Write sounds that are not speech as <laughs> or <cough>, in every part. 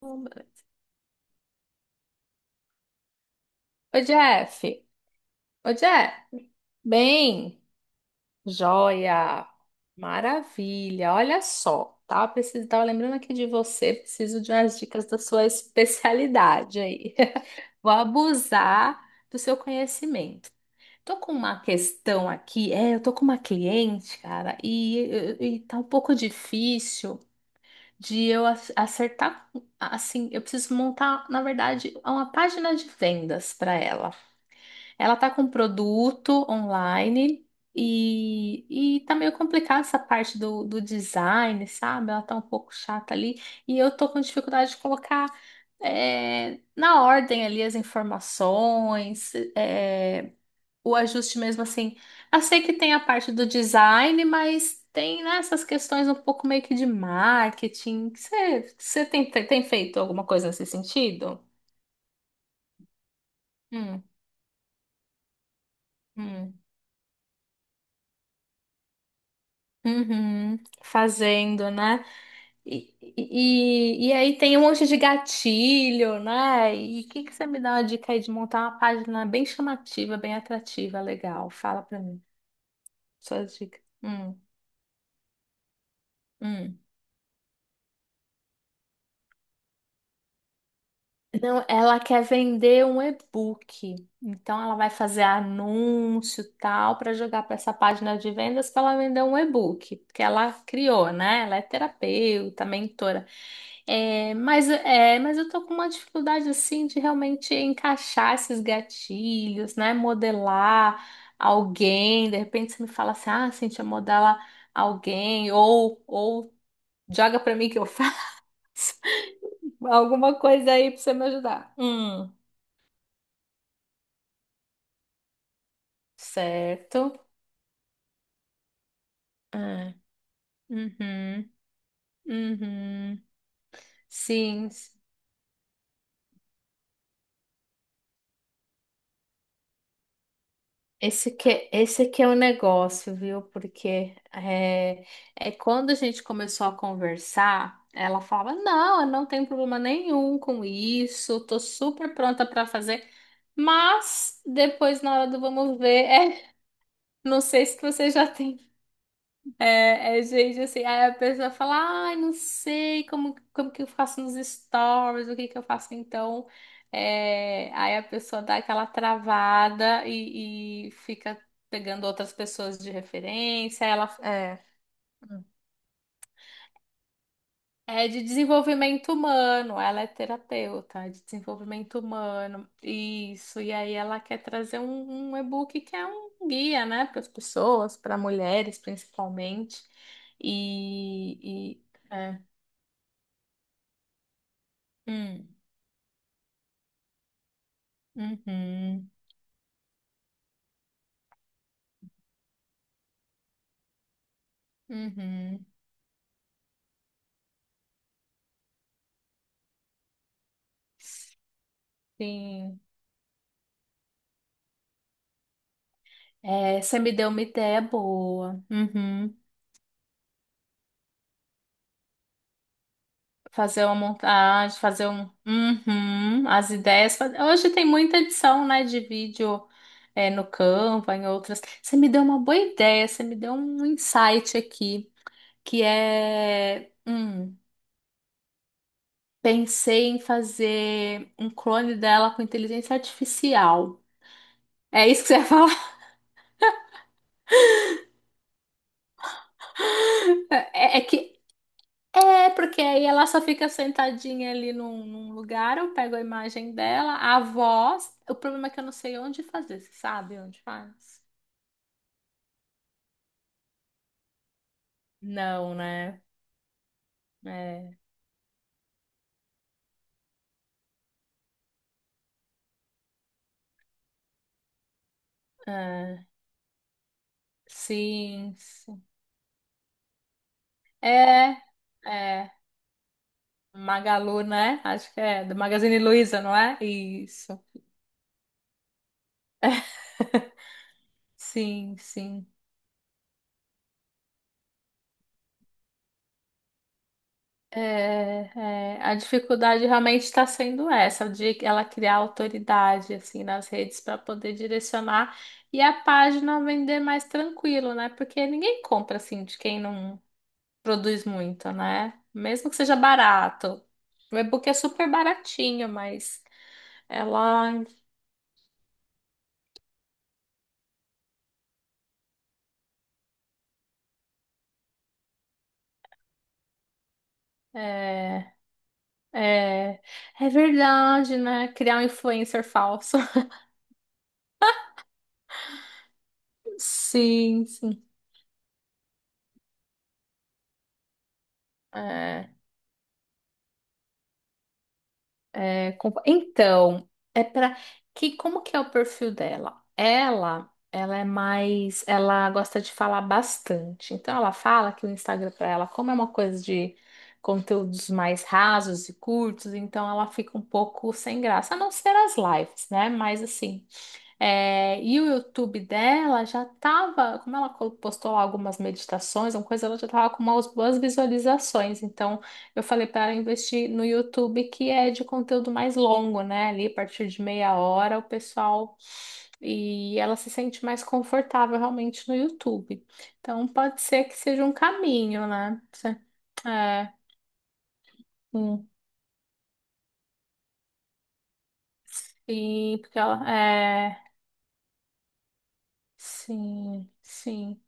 Ô Jeff, ô Jeff, bem, joia, maravilha, olha só, tava lembrando aqui de você, preciso de umas dicas da sua especialidade aí, <laughs> vou abusar do seu conhecimento. Tô com uma questão aqui, eu tô com uma cliente, cara, e tá um pouco difícil de eu acertar, assim, eu preciso montar, na verdade, uma página de vendas para ela. Ela tá com um produto online e tá meio complicada essa parte do design, sabe? Ela tá um pouco chata ali e eu tô com dificuldade de colocar na ordem ali as informações, o ajuste mesmo assim. Eu sei que tem a parte do design, mas tem, né, essas questões um pouco meio que de marketing. Você tem, tem feito alguma coisa nesse sentido? Hum, hum. Uhum, fazendo, né? E aí tem um monte de gatilho, né? E o que que você me dá uma dica aí de montar uma página bem chamativa, bem atrativa, legal? Fala pra mim, suas dicas. Hum. Não, ela quer vender um e-book. Então ela vai fazer anúncio e tal para jogar para essa página de vendas para ela vender um e-book, porque ela criou, né? Ela é terapeuta, mentora. É, mas eu tô com uma dificuldade assim de realmente encaixar esses gatilhos, né? Modelar alguém, de repente você me fala assim, ah, Cintia, modela alguém, ou joga pra mim que eu faço. <laughs> Alguma coisa aí pra você me ajudar. Certo. Ah, uhum, uhum. Sim. Esse que é o negócio, viu? É quando a gente começou a conversar, ela falava: Não, eu não tenho problema nenhum com isso, tô super pronta para fazer. Mas depois, na hora do vamos ver, não sei se você já tem gente assim, aí a pessoa fala, ai, não sei como, como que eu faço nos stories, o que que eu faço então. É, aí a pessoa dá aquela travada e fica pegando outras pessoas de referência, aí ela, é. É de desenvolvimento humano, ela é terapeuta, é de desenvolvimento humano, isso. E aí ela quer trazer um e-book que é um guia, né, para as pessoas, para mulheres principalmente. E, e é. Hum, uhum, uhum. Sim. É, você me deu uma ideia boa. Uhum. Fazer uma montagem, fazer um. Uhum, as ideias. Hoje tem muita edição, né, de vídeo no Canva, em outras. Você me deu uma boa ideia, você me deu um insight aqui, que é. Pensei em fazer um clone dela com inteligência artificial. É isso que você ia falar? <laughs> É, é que porque aí ela só fica sentadinha ali num lugar, eu pego a imagem dela, a voz. O problema é que eu não sei onde fazer, você sabe onde faz? Não, né? É, é, sim, sim. É, é. Magalu, né? Acho que é. Do Magazine Luiza, não é? Isso. <laughs> Sim, sim. É, a dificuldade realmente está sendo essa, de ela criar autoridade assim nas redes para poder direcionar e a página vender mais tranquilo, né? Porque ninguém compra assim de quem não produz muito, né? Mesmo que seja barato. O e-book é super baratinho, mas ela é, é, é verdade, né? Criar um influencer falso. <laughs> Sim, sim. É, é, com- então, é para que como que é o perfil dela? Ela é mais, ela gosta de falar bastante. Então ela fala que o Instagram para ela, como é uma coisa de conteúdos mais rasos e curtos, então ela fica um pouco sem graça, a não ser as lives, né? Mas assim, é, e o YouTube dela já estava como ela postou lá algumas meditações, uma coisa, ela já tava com umas boas visualizações. Então, eu falei para ela investir no YouTube, que é de conteúdo mais longo, né? Ali, a partir de meia hora, o pessoal. E ela se sente mais confortável realmente no YouTube. Então, pode ser que seja um caminho, né? Você- É, hum, sim, porque ela. É, sim, sim.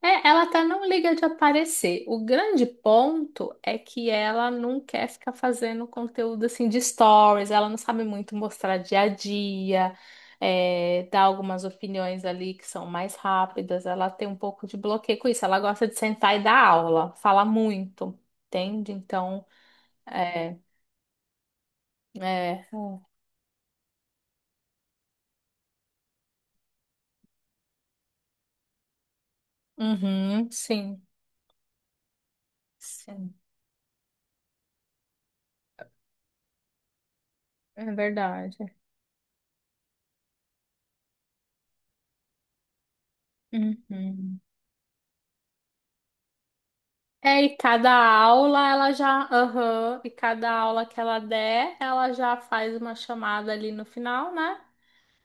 É, ela até não liga de aparecer. O grande ponto é que ela não quer ficar fazendo conteúdo assim de stories, ela não sabe muito mostrar dia a dia, dar algumas opiniões ali que são mais rápidas. Ela tem um pouco de bloqueio com isso. Ela gosta de sentar e dar aula, fala muito, entende? Então, é, é, uhum, sim, sim, é verdade. Uhum. É, e cada aula ela já, aham, e cada aula que ela der, ela já faz uma chamada ali no final, né?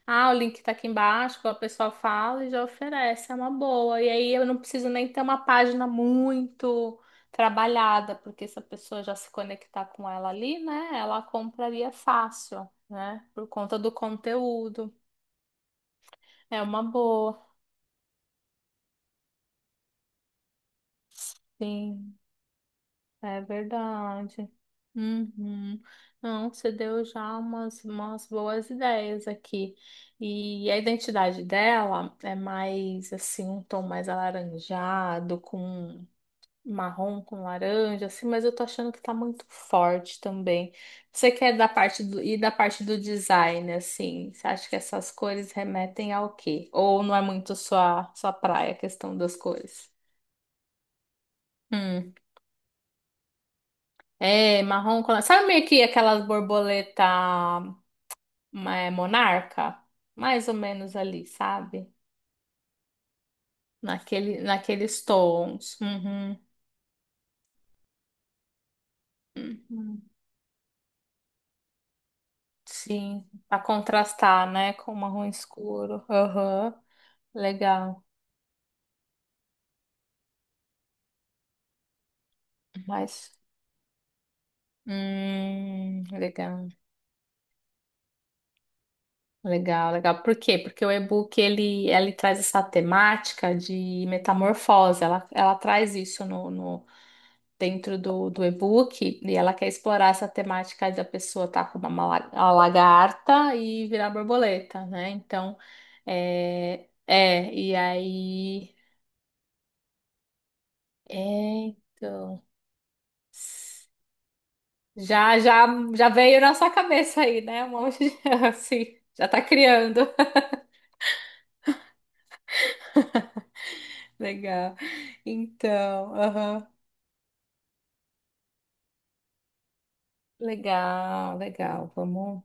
Ah, o link tá aqui embaixo, a pessoa fala e já oferece, é uma boa. E aí eu não preciso nem ter uma página muito trabalhada, porque se a pessoa já se conectar com ela ali, né, ela compraria fácil, né, por conta do conteúdo. É uma boa, sim. É verdade. Uhum. Não, você deu já umas boas ideias aqui. E a identidade dela é mais assim, um tom mais alaranjado, com marrom, com laranja, assim, mas eu tô achando que tá muito forte também. Você quer da parte do, e da parte do design, assim, você acha que essas cores remetem ao quê? Ou não é muito sua praia, a questão das cores? É, marrom. Sabe meio que aquelas borboleta monarca? Mais ou menos ali, sabe? Naqueles tons. Uhum. Uhum. Sim, para contrastar, né, com o marrom escuro. Aham. Legal. Mas legal. Legal, legal. Por quê? Porque o e-book ele traz essa temática de metamorfose. Ela traz isso dentro do e-book e ela quer explorar essa temática da pessoa estar com uma a lagarta e virar borboleta, né? Então, é, é e aí, é, então, já, já, já veio na sua cabeça aí, né? Um monte de, <laughs> assim, já tá criando. <laughs> Legal. Então, aham. Legal, legal. Vamos.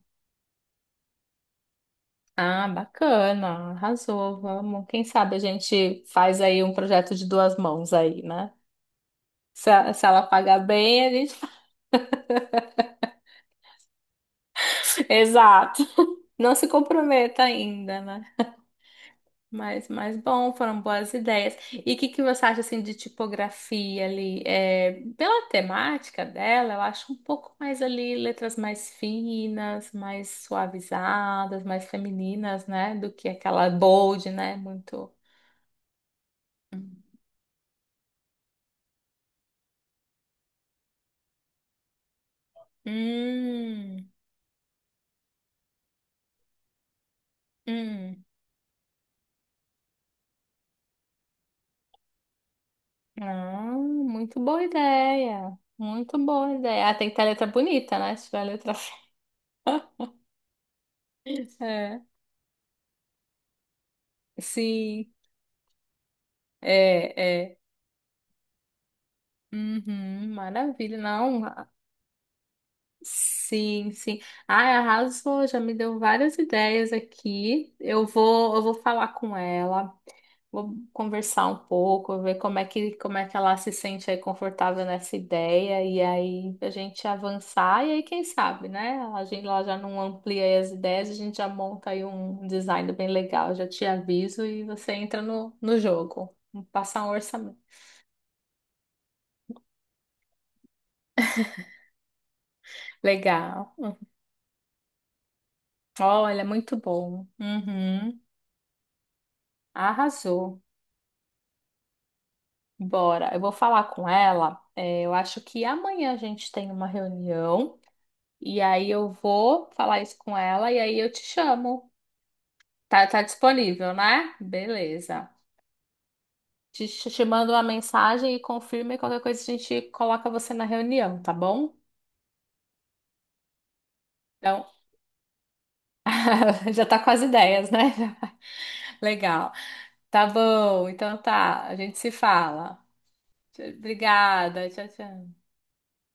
Ah, bacana, arrasou, vamos. Quem sabe a gente faz aí um projeto de duas mãos aí, né? Se ela pagar bem, a gente. <laughs> Exato. Não se comprometa ainda, né? Mas bom, foram boas ideias. E o que que você acha assim de tipografia ali? É, pela temática dela, eu acho um pouco mais ali letras mais finas, mais suavizadas, mais femininas, né? Do que aquela bold, né? Muito. Hum, hum. Ah, muito boa ideia. Muito boa ideia. Ah, tem que ter letra bonita, né? Se tiver letra feia. <laughs> É. Sim, é, é. Uhum, maravilha. Não, sim, sim. Ai, arrasou, já me deu várias ideias aqui. Eu vou falar com ela, vou conversar um pouco, ver como é que ela se sente aí confortável nessa ideia, e aí a gente avançar, e aí quem sabe, né? A gente lá já não amplia aí as ideias, a gente já monta aí um design bem legal, já te aviso e você entra no jogo. Passar um orçamento. Legal. Uhum. Olha, muito bom. Uhum. Arrasou. Bora, eu vou falar com ela. É, eu acho que amanhã a gente tem uma reunião e aí eu vou falar isso com ela e aí eu te chamo. Tá disponível, né? Beleza. Te mando uma mensagem e confirma e qualquer coisa a gente coloca você na reunião, tá bom? Então, <laughs> já tá com as ideias, né? <laughs> Legal. Tá bom, então tá. A gente se fala. Obrigada. Tchau, tchau.